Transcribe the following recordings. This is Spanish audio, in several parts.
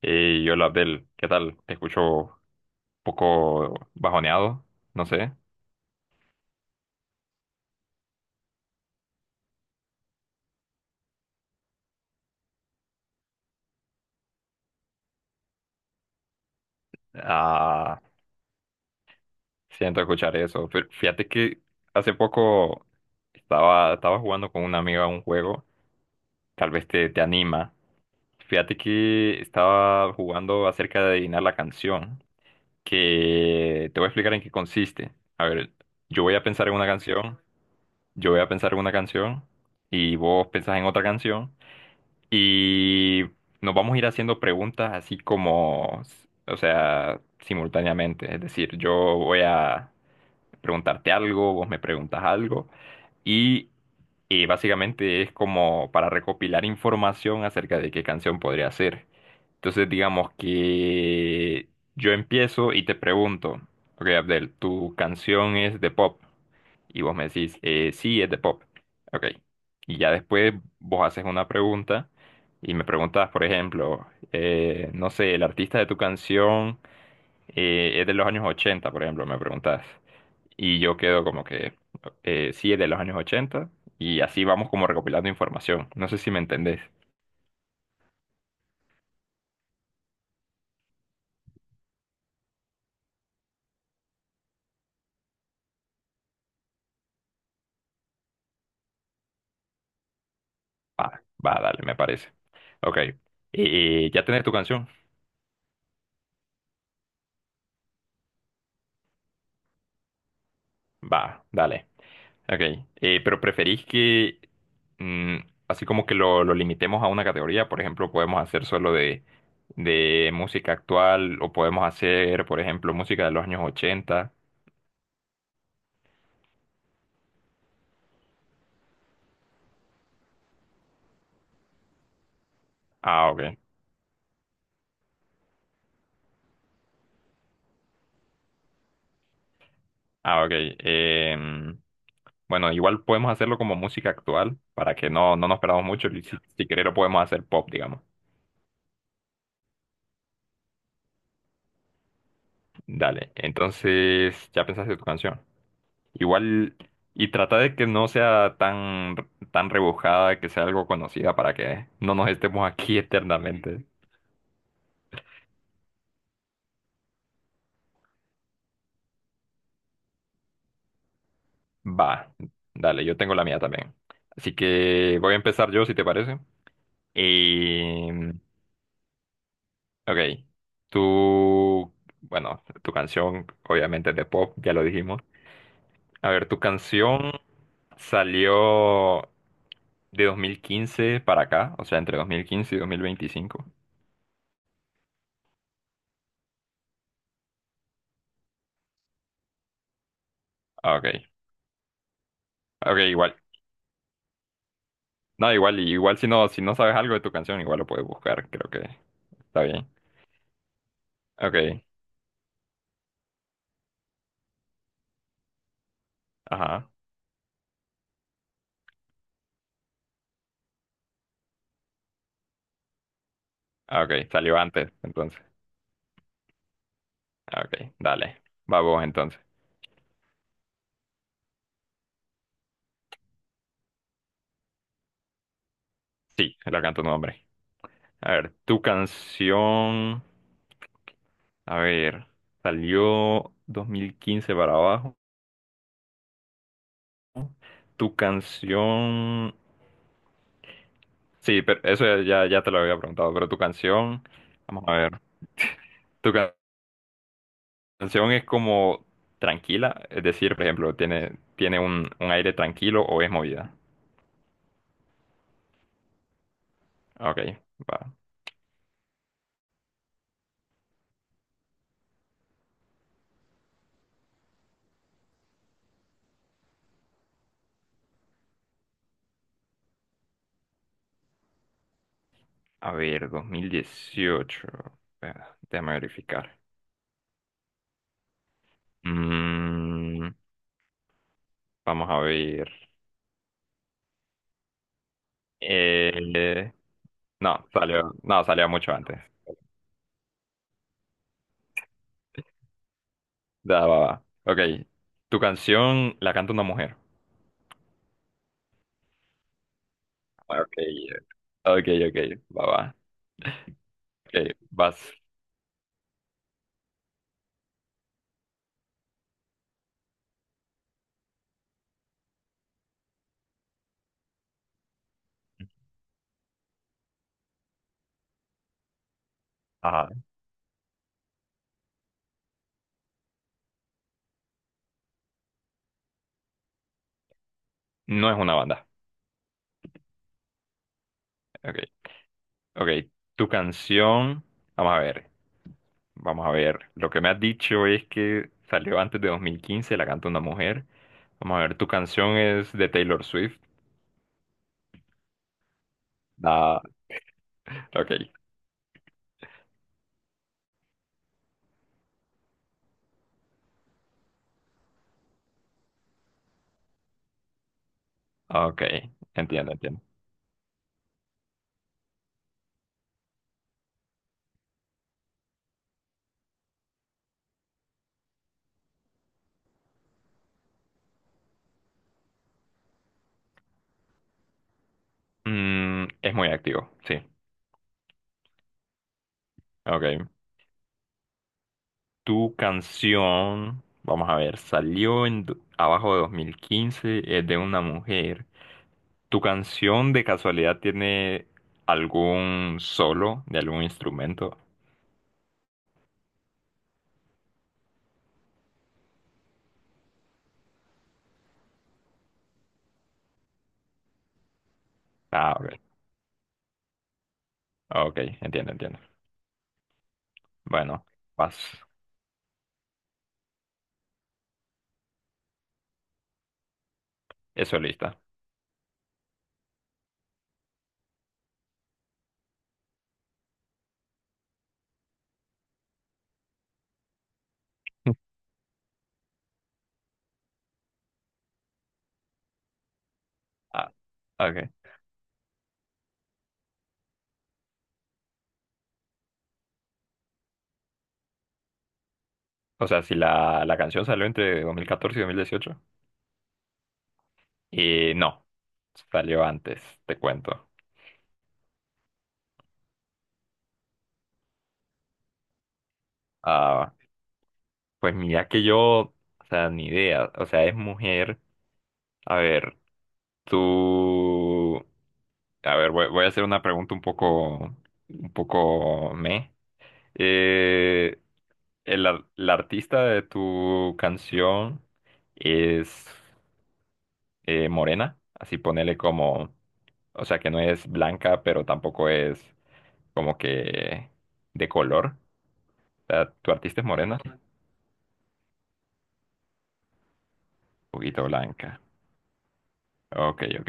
Y hola Abdel, ¿qué tal? Te escucho un poco bajoneado, no sé. Ah, siento escuchar eso. Pero fíjate que hace poco estaba jugando con una amiga un juego, tal vez te anima. Fíjate que estaba jugando acerca de adivinar la canción, que te voy a explicar en qué consiste. A ver, yo voy a pensar en una canción, yo voy a pensar en una canción, y vos pensás en otra canción. Y nos vamos a ir haciendo preguntas así como, o sea, simultáneamente. Es decir, yo voy a preguntarte algo, vos me preguntas algo y básicamente es como para recopilar información acerca de qué canción podría ser. Entonces digamos que yo empiezo y te pregunto, ok Abdel, tu canción es de pop y vos me decís, sí, es de pop. Ok, y ya después vos haces una pregunta y me preguntas, por ejemplo, no sé, el artista de tu canción es de los años 80, por ejemplo, me preguntas. Y yo quedo como que, sí, es de los años ochenta. Y así vamos como recopilando información. No sé si me entendés. Va, va, dale, me parece. Ok. ¿Ya tenés tu canción? Va, dale. Ok. Pero preferís que, mm, así como que lo limitemos a una categoría. Por ejemplo, podemos hacer solo de música actual o podemos hacer, por ejemplo, música de los años ochenta. Ah, ok. Ah, ok. Em, bueno, igual podemos hacerlo como música actual para que no nos perdamos mucho y si querés lo podemos hacer pop, digamos. Dale, entonces ya pensaste tu canción. Igual, y trata de que no sea tan rebujada, que sea algo conocida para que no nos estemos aquí eternamente. Va, dale, yo tengo la mía también. Así que voy a empezar yo, si te parece. Eh, Ok, tú, bueno, tu canción obviamente es de pop, ya lo dijimos. A ver, tu canción salió de 2015 para acá, o sea, entre 2015 y 2025. Ah, ok, ok, igual. No, igual, igual si no sabes algo de tu canción, igual lo puedes buscar, creo que está bien. Ok, ajá. Ah, ok, salió antes, entonces. Ah, ok, dale, va vos entonces. Sí, la canto tu nombre. A ver, tu canción. A ver, salió 2015 para abajo. Tu canción. Sí, pero eso ya te lo había preguntado, pero tu canción. Vamos a ver. Tu ca- canción es como tranquila, es decir, por ejemplo, tiene un aire tranquilo o es movida. Ok, va. A ver, 2018. Espera, déjame verificar. Mm, vamos a ver. Eh, no, salió, no, salió mucho antes. Da, va, va. Ok. Tu canción la canta una mujer. Ah, ok. Ok, ok. Va, va. Ok, vas. Ajá. No es una banda. Ok. Ok. Tu canción. Vamos a ver. Vamos a ver. Lo que me has dicho es que salió antes de dos mil quince, la canta una mujer. Vamos a ver. Tu canción es de Taylor Swift. Da. Ok. Ok. Entiendo, entiendo. Es muy activo. Sí. Ok. Tu canción, vamos a ver, salió abajo de 2015, es de una mujer. ¿Tu canción de casualidad tiene algún solo de algún instrumento? Ah, ok, ok, entiendo, entiendo. Bueno, vas, es solista. Ah, ok. O sea, si la canción salió entre 2014 y dos mil dieciocho. No, salió antes, te cuento. Ah, pues mira que yo, o sea, ni idea. O sea, es mujer. A ver. Tú, a ver, voy a hacer una pregunta un poco meh. Eh, la artista de tu canción es morena, así ponele como, o sea, que no es blanca, pero tampoco es como que de color. O sea, tu artista es morena, un poquito blanca. Ok, ok.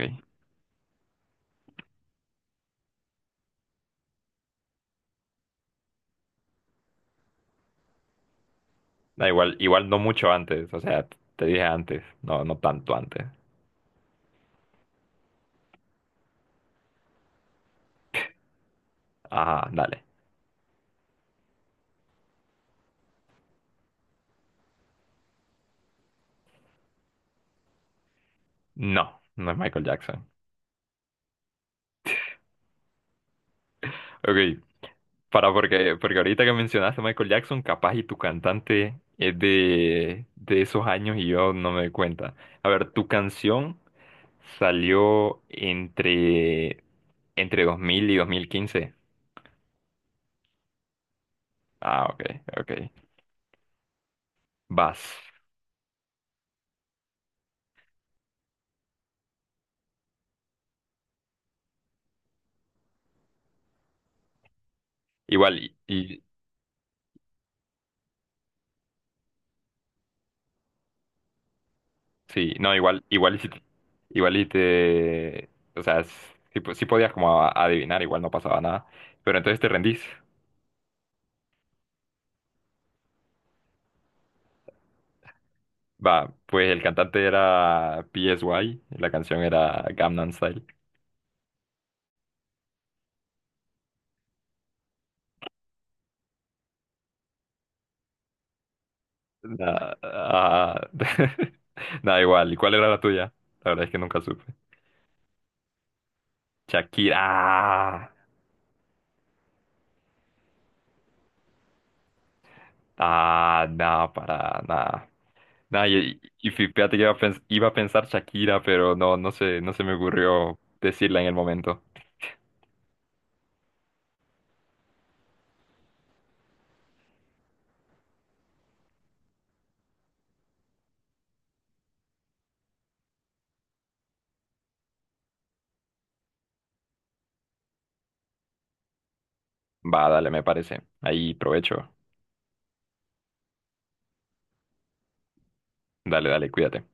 Da igual, igual no mucho antes, o sea, te dije antes, no, no tanto antes. Ajá, dale. No, no es Michael Jackson. Ok, para porque ahorita que mencionaste a Michael Jackson, capaz y tu cantante es de esos años y yo no me doy cuenta. A ver, tu canción salió entre 2000 y 2015. Ah, ok, ok. Vas. Igual, sí, no, igual, igual y si, igual y te, o sea, si, si podías como adivinar, igual no pasaba nada. Pero entonces te rendís. Va, pues el cantante era PSY, la canción era Gangnam Style. Nada, ah, nada igual. ¿Y cuál era la tuya? La verdad es que nunca supe. Shakira. No, para nada. Nada, y fíjate que iba a, iba a pensar Shakira, pero no, no sé, no se me ocurrió decirla en el momento. Va, dale, me parece. Ahí provecho. Dale, dale, cuídate.